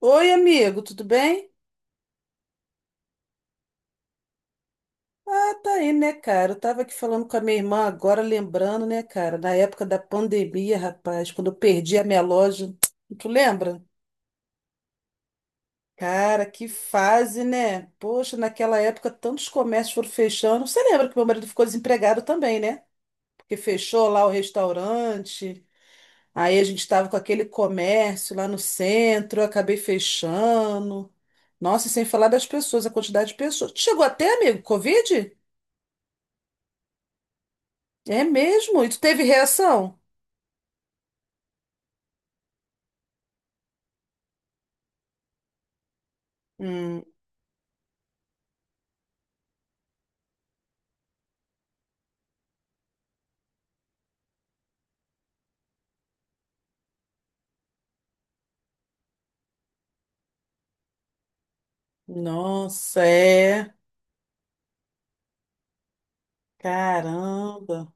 Oi, amigo, tudo bem? Ah, tá aí, né, cara? Eu tava aqui falando com a minha irmã agora, lembrando, né, cara, na época da pandemia, rapaz, quando eu perdi a minha loja. Tu lembra? Cara, que fase, né? Poxa, naquela época tantos comércios foram fechando. Você lembra que meu marido ficou desempregado também, né? Porque fechou lá o restaurante. Aí a gente estava com aquele comércio lá no centro, eu acabei fechando. Nossa, e sem falar das pessoas, a quantidade de pessoas. Chegou até, amigo, Covid? É mesmo? E tu teve reação? Hum, nossa, é. Caramba.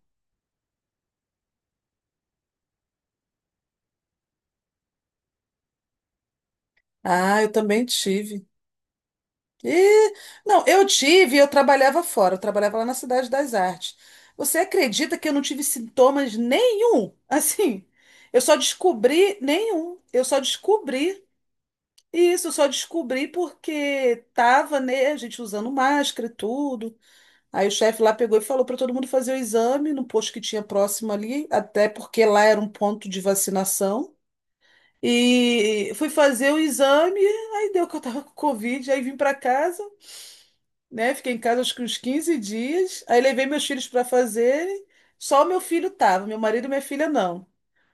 Ah, eu também tive. E, não, eu tive, e eu trabalhava fora, eu trabalhava lá na Cidade das Artes. Você acredita que eu não tive sintomas nenhum? Assim, eu só descobri nenhum. Eu só descobri isso, eu só descobri porque tava, né, a gente usando máscara e tudo. Aí o chefe lá pegou e falou para todo mundo fazer o exame no posto que tinha próximo ali, até porque lá era um ponto de vacinação. E fui fazer o exame, aí deu que eu tava com Covid, aí vim para casa, né? Fiquei em casa acho que uns 15 dias. Aí levei meus filhos para fazerem, só o meu filho tava, meu marido e minha filha não.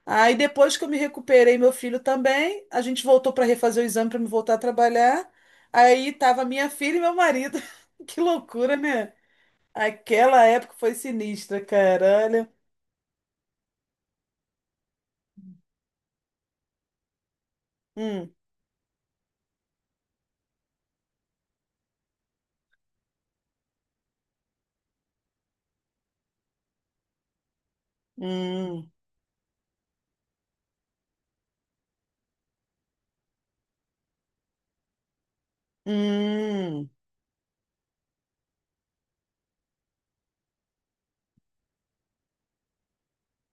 Aí depois que eu me recuperei, meu filho também, a gente voltou para refazer o exame para me voltar a trabalhar. Aí tava minha filha e meu marido. Que loucura, né? Aquela época foi sinistra, caralho. Hum, hum, hum.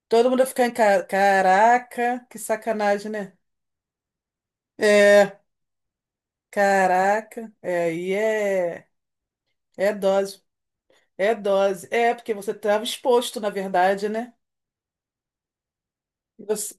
Todo mundo ia ficar em ca... Caraca, que sacanagem, né? É, caraca. É dose. É dose. É, porque você estava exposto, na verdade, né? Você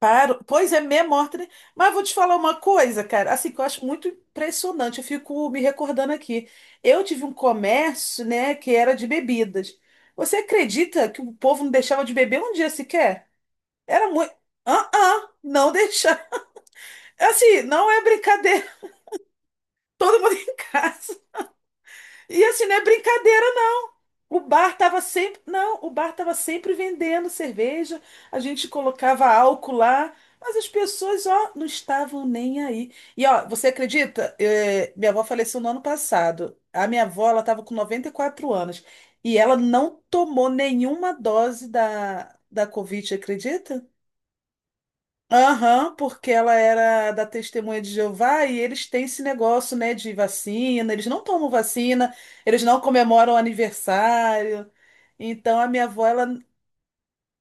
Paro. Pois é, meia morte, né? Mas vou te falar uma coisa, cara, assim, que eu acho muito impressionante, eu fico me recordando aqui. Eu tive um comércio, né, que era de bebidas. Você acredita que o povo não deixava de beber um dia sequer? Era muito. Não deixar. Assim, não é brincadeira. Todo mundo em casa. E assim, não é brincadeira. O bar estava sempre, não, o bar estava sempre vendendo cerveja, a gente colocava álcool lá, mas as pessoas, ó, não estavam nem aí. E ó, você acredita? Eh, minha avó faleceu no ano passado. A minha avó, ela estava com 94 anos e ela não tomou nenhuma dose da Covid, acredita? Aham, porque ela era da Testemunha de Jeová e eles têm esse negócio, né, de vacina, eles não tomam vacina, eles não comemoram aniversário. Então a minha avó,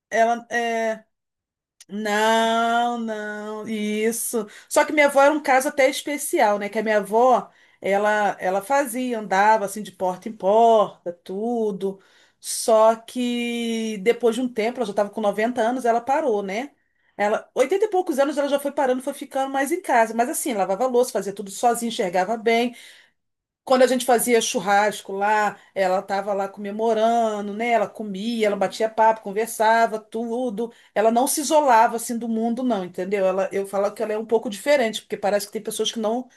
ela, é, não, não, isso. Só que minha avó era um caso até especial, né? Que a minha avó, ela fazia, andava assim de porta em porta, tudo. Só que depois de um tempo, ela já estava com 90 anos, ela parou, né? Ela, 80 e poucos anos, ela já foi parando, foi ficando mais em casa. Mas assim, lavava louça, fazia tudo sozinha, enxergava bem. Quando a gente fazia churrasco lá, ela estava lá comemorando, né? Ela comia, ela batia papo, conversava, tudo. Ela não se isolava assim do mundo, não, entendeu? Ela, eu falo que ela é um pouco diferente, porque parece que tem pessoas que não,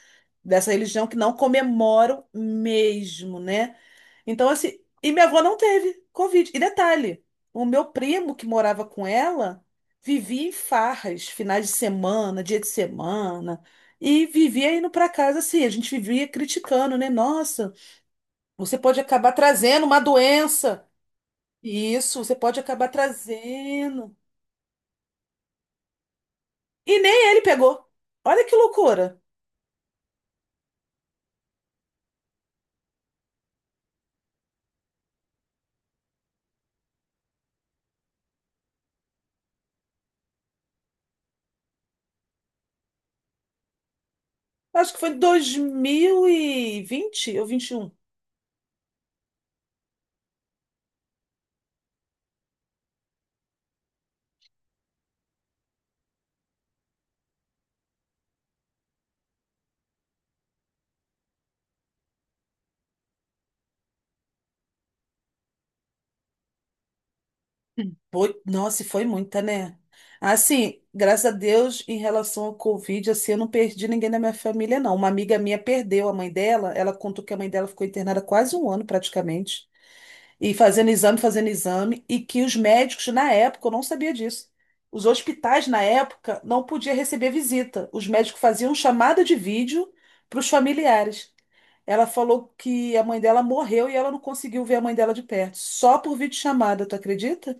dessa religião, que não comemoram mesmo, né? Então, assim, e minha avó não teve Covid. E detalhe, o meu primo que morava com ela vivia em farras, finais de semana, dia de semana. E vivia indo para casa assim, a gente vivia criticando, né? Nossa, você pode acabar trazendo uma doença. Isso, você pode acabar trazendo. E nem ele pegou. Olha que loucura. Acho que foi em 2020 ou 21. Foi- Nossa, e foi muita, né? Assim, graças a Deus, em relação ao Covid, assim, eu não perdi ninguém da minha família, não. Uma amiga minha perdeu a mãe dela. Ela contou que a mãe dela ficou internada quase um ano, praticamente. E fazendo exame, e que os médicos, na época, eu não sabia disso. Os hospitais, na época, não podiam receber visita. Os médicos faziam chamada de vídeo para os familiares. Ela falou que a mãe dela morreu e ela não conseguiu ver a mãe dela de perto, só por videochamada, tu acredita?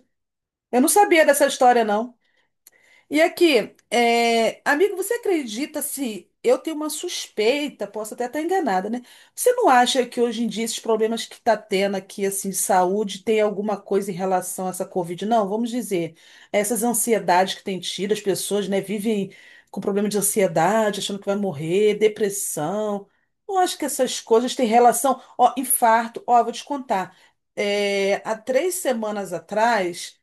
Eu não sabia dessa história, não. E aqui, é, amigo, você acredita se eu tenho uma suspeita, posso até estar enganada, né? Você não acha que hoje em dia esses problemas que está tendo aqui, assim, de saúde, tem alguma coisa em relação a essa Covid? Não, vamos dizer, essas ansiedades que tem tido, as pessoas, né, vivem com problema de ansiedade, achando que vai morrer, depressão. Não acho que essas coisas têm relação, ó, infarto, ó, vou te contar. É, há 3 semanas atrás.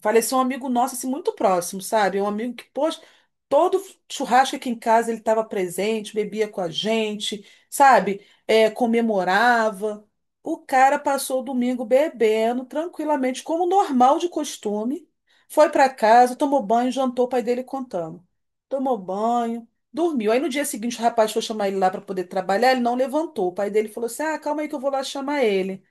Faleceu um amigo nosso, assim, muito próximo, sabe? Um amigo que, poxa, todo churrasco aqui em casa ele estava presente, bebia com a gente, sabe? É, comemorava. O cara passou o domingo bebendo tranquilamente, como normal de costume. Foi para casa, tomou banho, jantou, o pai dele contando. Tomou banho, dormiu. Aí no dia seguinte o rapaz foi chamar ele lá para poder trabalhar, ele não levantou. O pai dele falou assim: Ah, calma aí que eu vou lá chamar ele.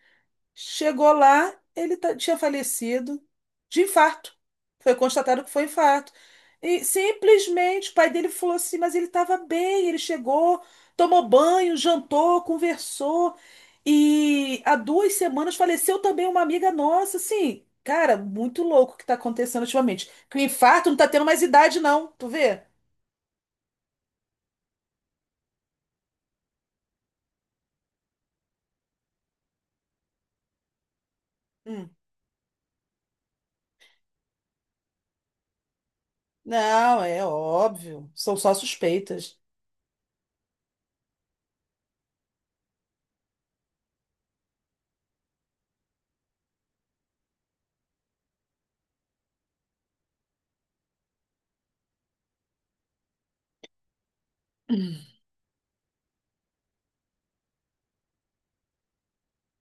Chegou lá, tinha falecido de infarto. Foi constatado que foi infarto. E simplesmente o pai dele falou assim: mas ele estava bem, ele chegou, tomou banho, jantou, conversou. E há 2 semanas faleceu também uma amiga nossa, assim. Cara, muito louco o que está acontecendo ultimamente. Que o infarto não está tendo mais idade, não. Tu vê? Hum. Não, é óbvio. São só suspeitas.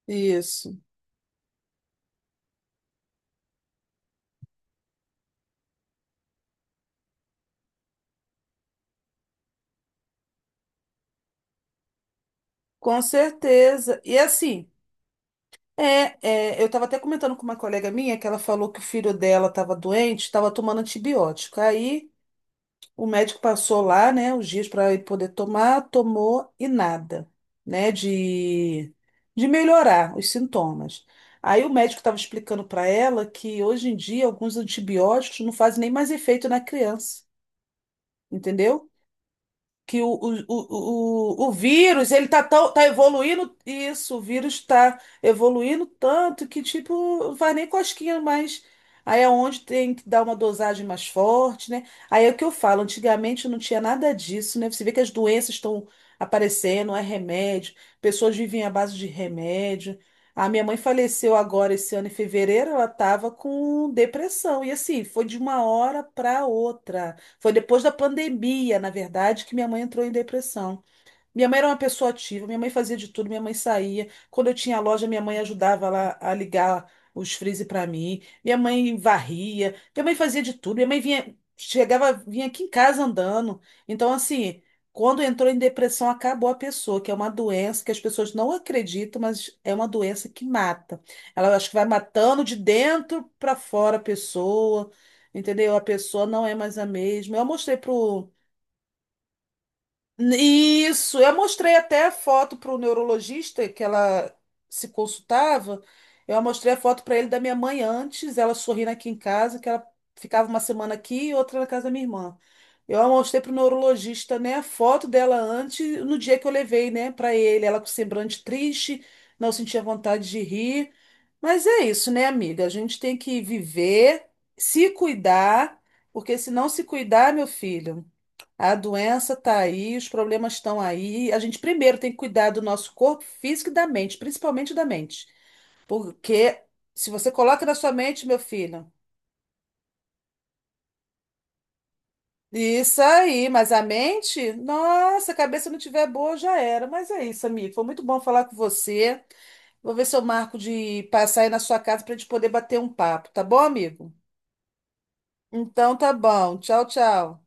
Isso. Com certeza. E assim. Eu estava até comentando com uma colega minha que ela falou que o filho dela estava doente, estava tomando antibiótico. Aí o médico passou lá, né, os dias para ele poder tomar, tomou e nada, né, de, de melhorar os sintomas. Aí o médico estava explicando para ela que hoje em dia alguns antibióticos não fazem nem mais efeito na criança, entendeu? Que o vírus, tá evoluindo, isso, o vírus tá evoluindo tanto que, tipo, não faz nem cosquinha mais. Aí é onde tem que dar uma dosagem mais forte, né? Aí é o que eu falo, antigamente não tinha nada disso, né? Você vê que as doenças estão aparecendo, é remédio, pessoas vivem à base de remédio. A minha mãe faleceu agora esse ano em fevereiro, ela estava com depressão. E assim, foi de uma hora para outra. Foi depois da pandemia, na verdade, que minha mãe entrou em depressão. Minha mãe era uma pessoa ativa, minha mãe fazia de tudo, minha mãe saía. Quando eu tinha loja, minha mãe ajudava lá a ligar os freezer para mim. Minha mãe varria, minha mãe fazia de tudo. Minha mãe vinha, chegava, vinha aqui em casa andando. Então, assim, quando entrou em depressão, acabou a pessoa, que é uma doença que as pessoas não acreditam, mas é uma doença que mata. Ela acho que vai matando de dentro para fora a pessoa, entendeu? A pessoa não é mais a mesma. Eu mostrei pro isso, eu mostrei até a foto para o neurologista que ela se consultava. Eu mostrei a foto para ele da minha mãe antes, ela sorrindo aqui em casa, que ela ficava uma semana aqui e outra na casa da minha irmã. Eu mostrei para o neurologista, né, a foto dela antes, no dia que eu levei, né, para ele, ela com semblante triste, não sentia vontade de rir. Mas é isso, né, amiga? A gente tem que viver, se cuidar, porque se não se cuidar, meu filho. A doença está aí, os problemas estão aí. A gente primeiro tem que cuidar do nosso corpo físico e da mente, principalmente da mente. Porque se você coloca na sua mente, meu filho, isso aí, mas a mente, nossa, a cabeça não tiver boa, já era. Mas é isso, amigo. Foi muito bom falar com você. Vou ver se eu marco de passar aí na sua casa para a gente poder bater um papo, tá bom, amigo? Então tá bom. Tchau, tchau.